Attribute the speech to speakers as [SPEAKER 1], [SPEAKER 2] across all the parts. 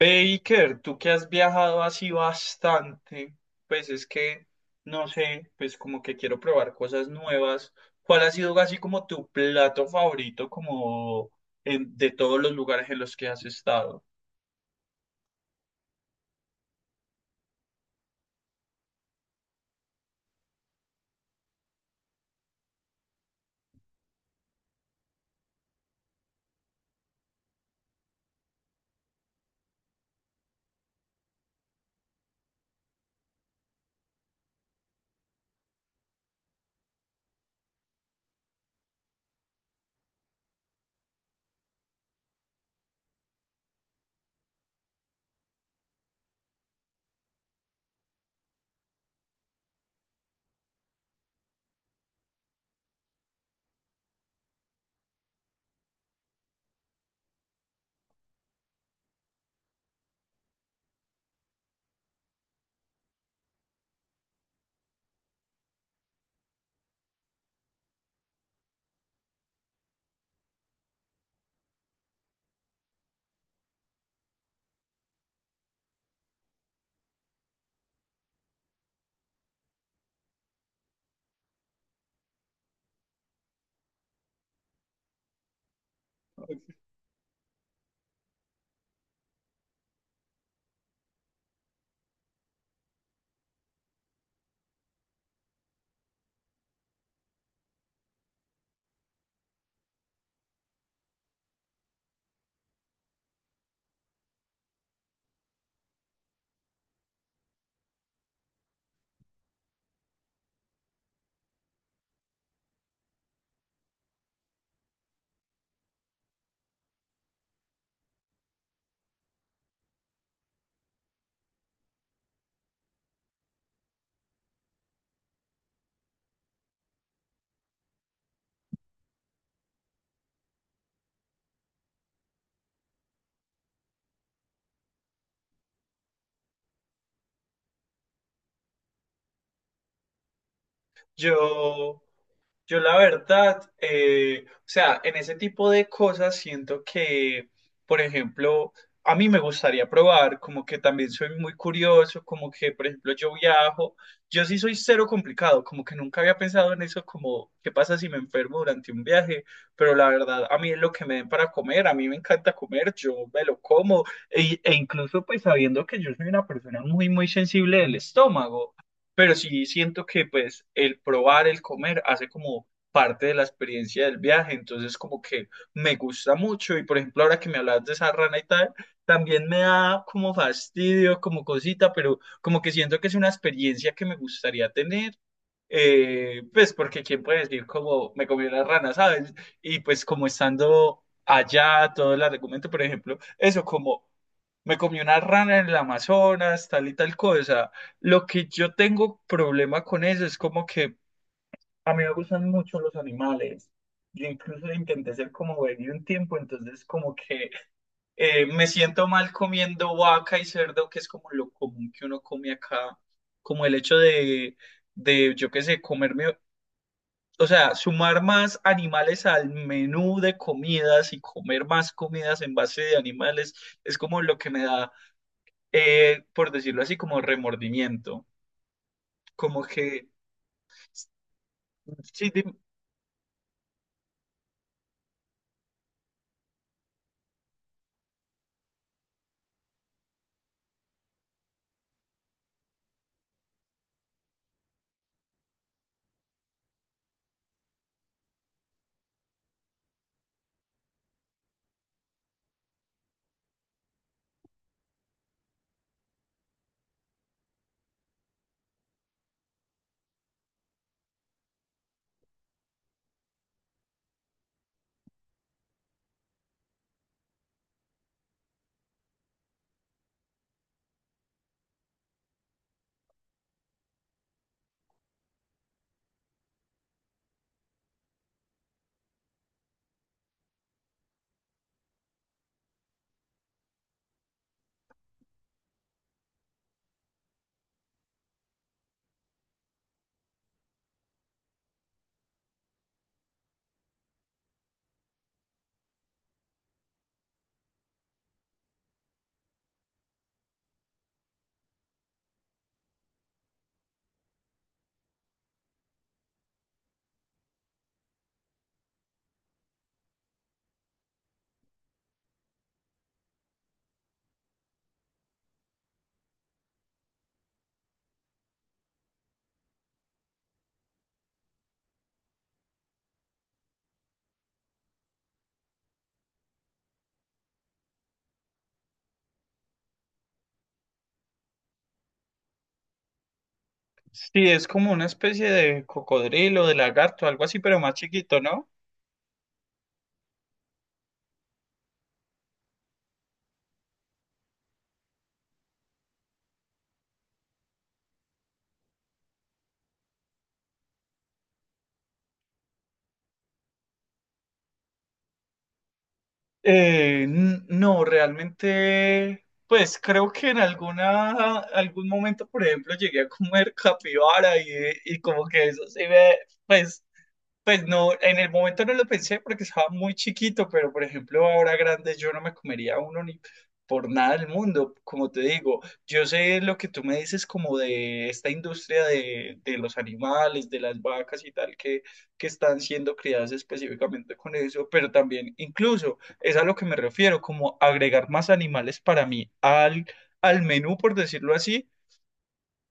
[SPEAKER 1] Baker, tú que has viajado así bastante, pues es que, no sé, pues como que quiero probar cosas nuevas. ¿Cuál ha sido así como tu plato favorito como de todos los lugares en los que has estado? Yo, Yo la verdad, o sea, en ese tipo de cosas siento que, por ejemplo, a mí me gustaría probar, como que también soy muy curioso, como que, por ejemplo, yo viajo, yo sí soy cero complicado, como que nunca había pensado en eso, como, ¿qué pasa si me enfermo durante un viaje? Pero la verdad, a mí es lo que me den para comer, a mí me encanta comer, yo me lo como, e incluso pues sabiendo que yo soy una persona muy sensible del estómago, pero sí siento que pues el probar, el comer hace como parte de la experiencia del viaje, entonces como que me gusta mucho. Y por ejemplo ahora que me hablas de esa rana y tal, también me da como fastidio, como cosita, pero como que siento que es una experiencia que me gustaría tener, pues porque quién puede decir como me comió la rana, ¿sabes? Y pues como estando allá, todo el argumento, por ejemplo, eso como me comió una rana en el Amazonas, tal y tal cosa. Lo que yo tengo problema con eso es como que a mí me gustan mucho los animales. Yo incluso intenté ser como veggie un tiempo, entonces como que me siento mal comiendo vaca y cerdo, que es como lo común que uno come acá, como el hecho de yo qué sé, comerme, o sea, sumar más animales al menú de comidas y comer más comidas en base de animales es como lo que me da, por decirlo así, como remordimiento. Como que sí, sí, es como una especie de cocodrilo, de lagarto, algo así, pero más chiquito, ¿no? No, realmente, pues creo que en alguna, algún momento, por ejemplo, llegué a comer capibara y como que eso sí me, pues. Pues no, en el momento no lo pensé porque estaba muy chiquito, pero por ejemplo, ahora grande yo no me comería uno ni por nada del mundo. Como te digo, yo sé lo que tú me dices como de esta industria de los animales, de las vacas y tal, que están siendo criadas específicamente con eso, pero también incluso es a lo que me refiero, como agregar más animales para mí al menú, por decirlo así,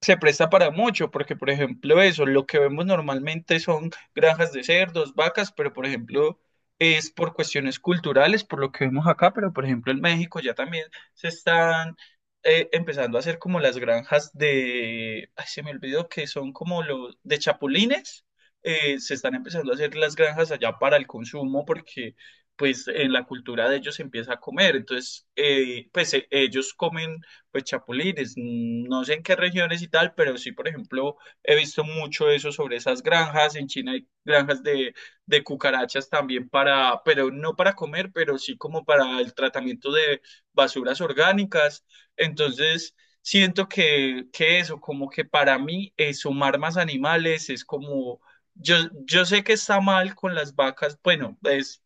[SPEAKER 1] se presta para mucho, porque por ejemplo eso, lo que vemos normalmente son granjas de cerdos, vacas, pero por ejemplo es por cuestiones culturales, por lo que vemos acá, pero por ejemplo en México ya también se están empezando a hacer como las granjas de, ay, se me olvidó que son como los de chapulines, se están empezando a hacer las granjas allá para el consumo, porque pues en la cultura de ellos se empieza a comer, entonces ellos comen pues chapulines. No sé en qué regiones y tal, pero sí, por ejemplo, he visto mucho eso sobre esas granjas. En China hay granjas de cucarachas también para, pero no para comer, pero sí como para el tratamiento de basuras orgánicas. Entonces, siento que eso, como que para mí, sumar más animales es como... Yo, yo sé que está mal con las vacas, bueno, es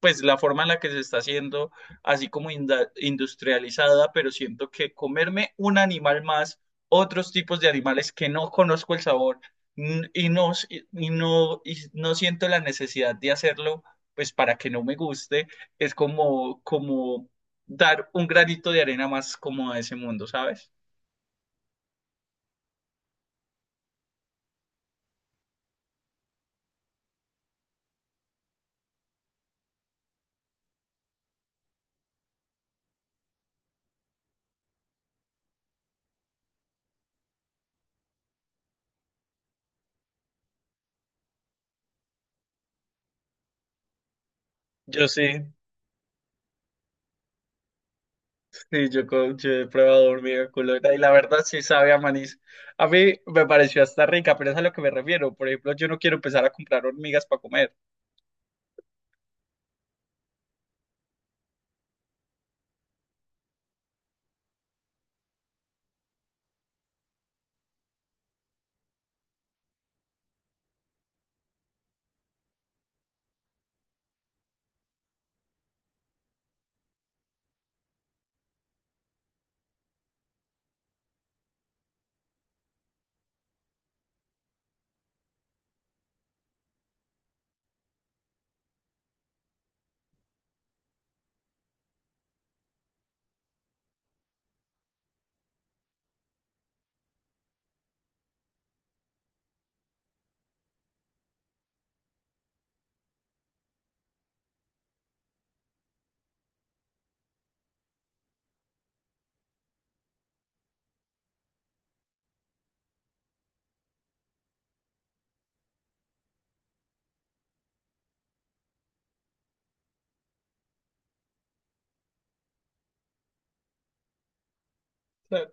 [SPEAKER 1] pues la forma en la que se está haciendo, así como industrializada, pero siento que comerme un animal más, otros tipos de animales que no conozco el sabor, y no, y no siento la necesidad de hacerlo, pues para que no me guste, es como, como dar un granito de arena más como a ese mundo, ¿sabes? Yo sí. Sí, yo he probado hormiga culona y la verdad sí sabe a manís. A mí me pareció hasta rica, pero es a lo que me refiero. Por ejemplo, yo no quiero empezar a comprar hormigas para comer. Claro.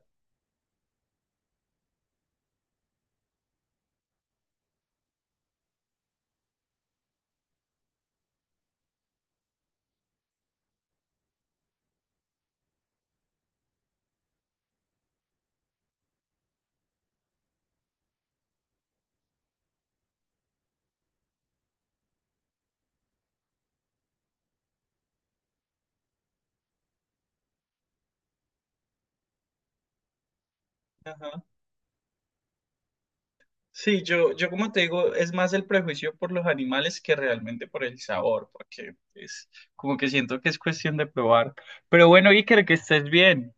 [SPEAKER 1] Ajá. Sí, yo como te digo, es más el prejuicio por los animales que realmente por el sabor, porque es como que siento que es cuestión de probar. Pero bueno, Iker, que estés bien.